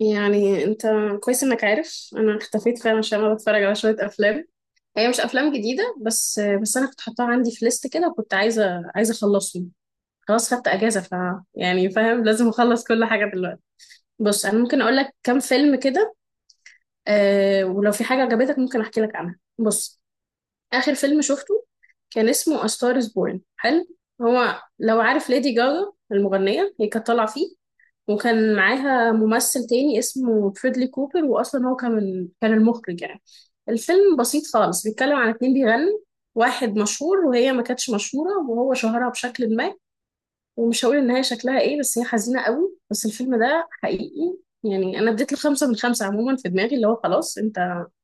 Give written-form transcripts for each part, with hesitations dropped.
يعني انت كويس انك عارف انا اختفيت فعلا، عشان انا بتفرج على شويه افلام. هي مش افلام جديده، بس انا كنت حاطاها عندي في ليست كده، وكنت عايزه اخلصهم. خلاص، خدت اجازه. يعني فاهم، لازم اخلص كل حاجه دلوقتي. بص، انا ممكن اقول لك كام فيلم كده. آه، ولو في حاجه عجبتك ممكن احكي لك عنها. بص، اخر فيلم شفته كان اسمه A Star is Born، حلو. هو، لو عارف ليدي جاجا المغنيه، هي كانت طالعه فيه. وكان معاها ممثل تاني اسمه فريدلي كوبر، واصلا هو كان المخرج يعني. الفيلم بسيط خالص، بيتكلم عن اتنين بيغنوا. واحد مشهور وهي ما كانتش مشهورة، وهو شهرها بشكل ما. ومش هقول ان هي شكلها ايه، بس هي حزينة قوي، بس الفيلم ده حقيقي. يعني انا اديت له 5 من 5، عموما في دماغي اللي هو خلاص انت.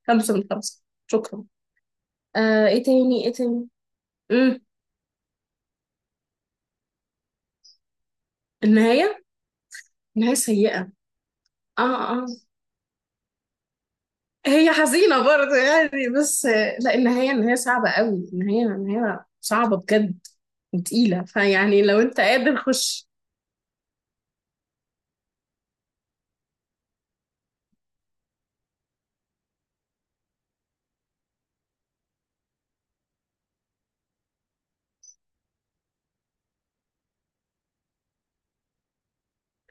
5 من 5. شكرا. آه، ايه تاني ايه تاني. امم. النهاية. نهاية سيئة. اه. اه. هي حزينة برضه يعني بس. لا، النهاية صعبة قوي، النهاية صعبة بجد. وتقيلة، فيعني لو انت قادر خش.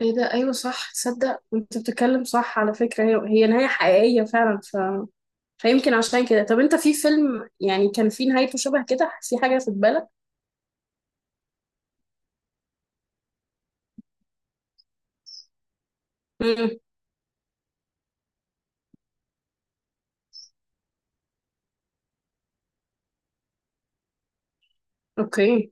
ايه ده، ايوه صح، تصدق انت بتتكلم صح على فكرة. هي هي نهاية حقيقية فعلا. فيمكن عشان كده. طب انت في فيلم يعني كان في نهايته شبه كده، في حاجة في بالك؟ مم. اوكي.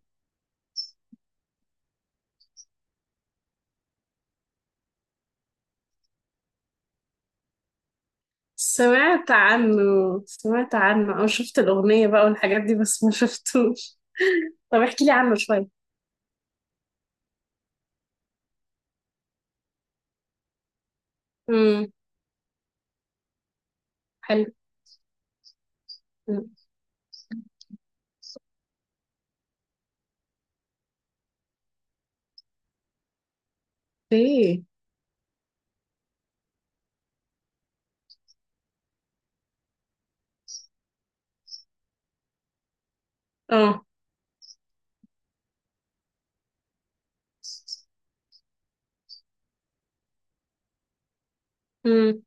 سمعت عنه. سمعت عنه او شفت الأغنية بقى والحاجات دي، بس ما شفتوش. طب احكي لي عنه شوية. امم. حلو. مم. اوكي. اه. امم.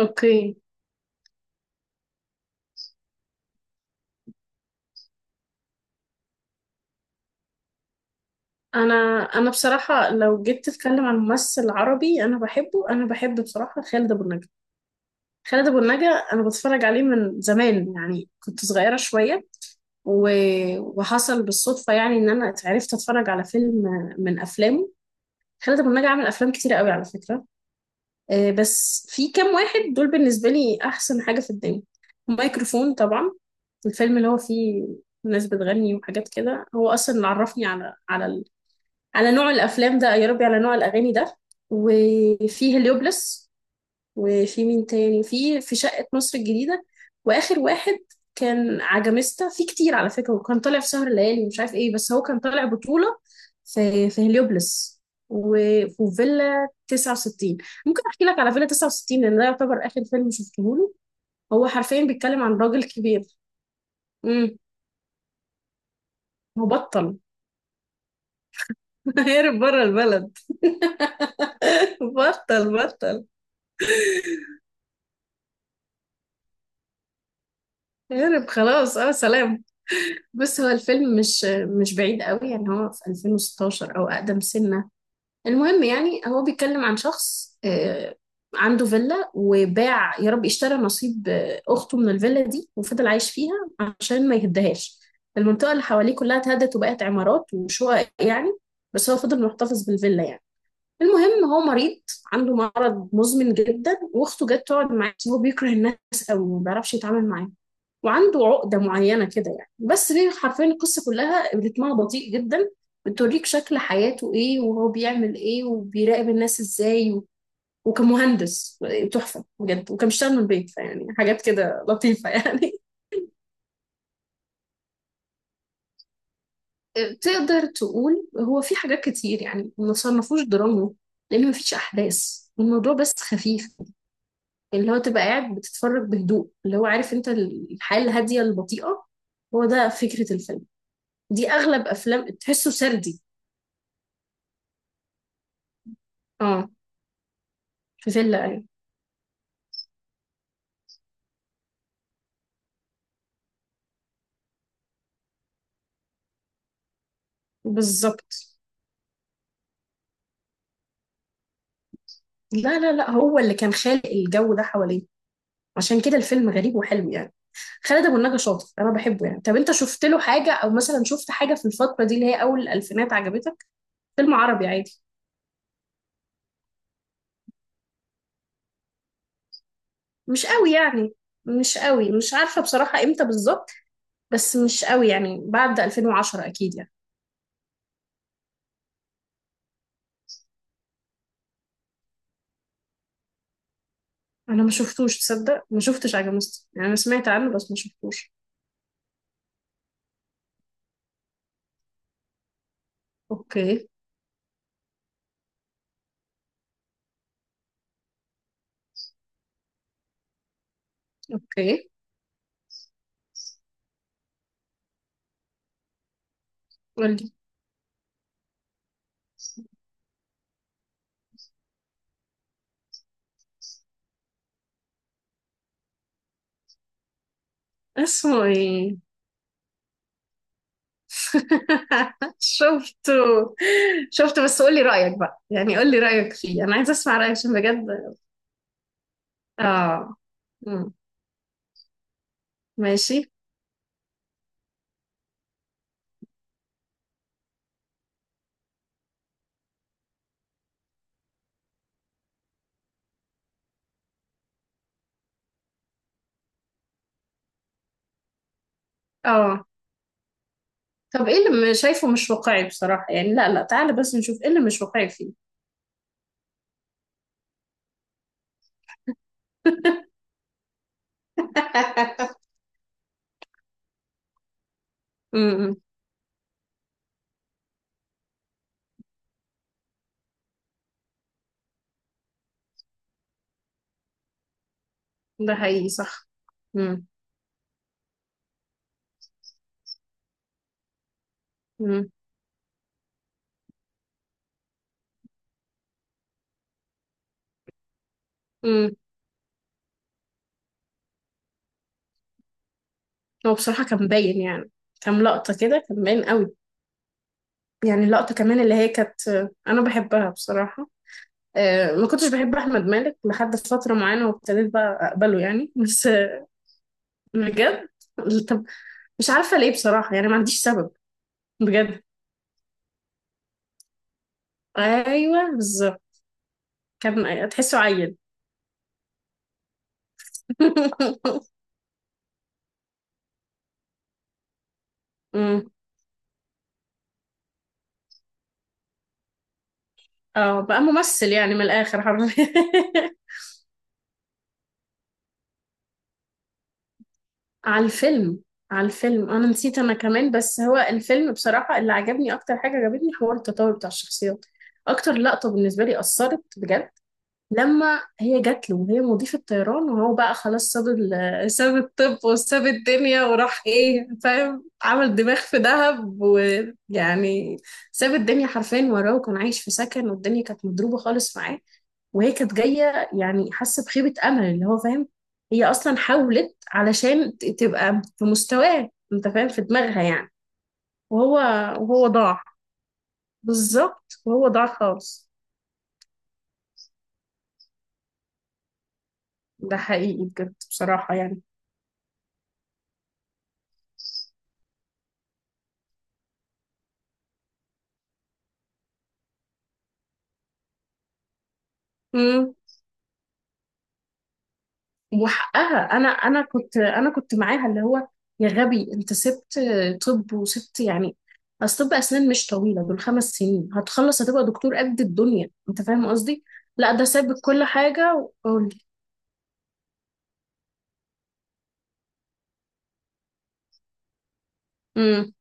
اوكي. انا انا بصراحه لو جيت تتكلم عن ممثل عربي انا بحب بصراحه خالد ابو النجا. خالد ابو النجا. انا بتفرج عليه من زمان، يعني كنت صغيره شويه. و... وحصل بالصدفه يعني ان انا اتفرج على فيلم من افلامه. خالد ابو النجا عمل افلام كتير قوي على فكره. بس في كام واحد دول بالنسبه لي احسن حاجه في الدنيا. مايكروفون طبعا، الفيلم اللي هو فيه ناس بتغني وحاجات كده، هو اصلا اللي عرفني على على نوع الافلام ده، يا ربي، على نوع الاغاني ده. وفي هليوبلس، وفي مين تاني، وفي شقة مصر الجديدة. واخر واحد كان عجميستا، في كتير على فكرة، وكان طالع في سهر الليالي ومش عارف ايه، بس هو كان طالع بطولة في هليوبلس وفيلا 69. ممكن احكي لك على فيلا 69 لان ده يعتبر اخر فيلم شفته له. هو حرفيا بيتكلم عن راجل كبير. امم. مبطل. هرب بره البلد. بطل بطل، هرب خلاص، اه، سلام. بس هو الفيلم مش بعيد قوي يعني. هو في 2016 او اقدم سنة. المهم يعني هو بيتكلم عن شخص عنده فيلا، وباع، يا رب اشترى نصيب اخته من الفيلا دي، وفضل عايش فيها عشان ما يهدهاش. المنطقة اللي حواليه كلها اتهدت وبقت عمارات وشقق يعني، بس هو فضل محتفظ بالفيلا يعني. المهم هو مريض، عنده مرض مزمن جدا، واخته جت تقعد معاه، بس هو بيكره الناس قوي، ما بيعرفش يتعامل معاهم. وعنده عقدة معينة كده يعني، بس هي حرفيا القصة كلها رتمها بطيء جدا. بتوريك شكل حياته ايه، وهو بيعمل ايه، وبيراقب الناس ازاي. وكمهندس تحفة بجد، وكان بيشتغل من البيت، فيعني حاجات كده لطيفة يعني. تقدر تقول هو في حاجات كتير، يعني ما صنفوش دراما لأن مفيش أحداث، الموضوع بس خفيف. اللي هو تبقى قاعد بتتفرج بهدوء، اللي هو عارف انت، الحياة الهادية البطيئة. هو ده فكرة الفيلم. دي اغلب افلام تحسه سردي. اه. في فيلا، ايوه. بالظبط. لا لا لا، هو اللي كان خالق الجو ده حواليه، عشان كده الفيلم غريب وحلو يعني. خالد ابو النجا شاطر، انا بحبه يعني. طب انت شفت له حاجه، او مثلا شفت حاجه في الفتره دي اللي هي اول الالفينات عجبتك؟ فيلم عربي عادي. مش قوي يعني. مش قوي، مش عارفه بصراحه امتى بالظبط. بس مش قوي يعني، بعد 2010 اكيد يعني. انا ما شفتوش، تصدق ما شفتش عجمست يعني. انا سمعت عنه بس ما شفتوش. اوكي. اوكي. قولي. اسمه ايه؟ شفته. شفته، بس قولي رأيك بقى، يعني قولي رأيك فيه، انا عايزه اسمع رأيك عشان بجد. اه. مم. ماشي. اه. طب ايه اللي شايفه مش واقعي بصراحة؟ يعني لا لا، تعالى بس نشوف ايه اللي مش واقعي فيه. امم. ده حقيقي صح. امم. امم. هو بصراحة كان باين يعني، كام لقطة كده كان باين قوي. يعني اللقطة كمان اللي هي كانت، أنا بحبها بصراحة. ما كنتش بحب أحمد مالك لحد فترة معينة، وابتديت بقى أقبله يعني، بس بجد. طب، مش عارفة ليه بصراحة، يعني ما عنديش سبب. بجد. أيوه بالظبط. كان تحسه عيل. أمم. اه، بقى ممثل يعني من الآخر حرفيا. على الفيلم. على الفيلم أنا نسيت. أنا كمان، بس هو الفيلم بصراحة اللي عجبني أكتر حاجة عجبتني حوار التطور بتاع الشخصيات. أكتر لقطة بالنسبة لي أثرت بجد، لما هي جات له وهي مضيفة طيران، وهو بقى خلاص ساب ساب الطب وساب الدنيا وراح، ايه فاهم، عمل دماغ في دهب، ويعني ساب الدنيا حرفيا وراه، وكان عايش في سكن، والدنيا كانت مضروبة خالص معاه. وهي كانت جاية، يعني حاسة بخيبة أمل، اللي هو فاهم. هي أصلا حاولت علشان تبقى في مستواه، انت فاهم، في دماغها يعني. وهو وهو ضاع. بالظبط، وهو ضاع خالص. ده حقيقي بجد بصراحة. يعني وحقها، انا كنت معاها، اللي هو يا غبي، انت سبت. طب وسبت يعني. اصل طب اسنان مش طويله، دول 5 سنين هتخلص، هتبقى دكتور قد الدنيا، انت فاهم قصدي. لا، ده ساب كل حاجه، وقول. امم.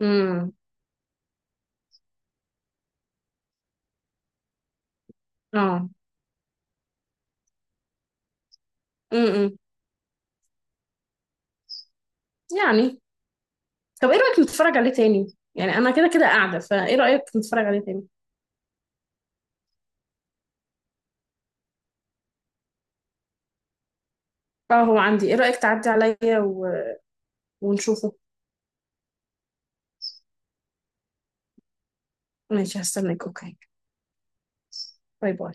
امم. اه. امم. امم. يعني، طب ايه رايك نتفرج عليه تاني؟ يعني انا كده كده قاعده، فايه رايك نتفرج عليه تاني؟ اه، هو عندي. ايه رايك تعدي عليا؟ ونشوفه. ماشي، هستناك، اوكي. باي باي.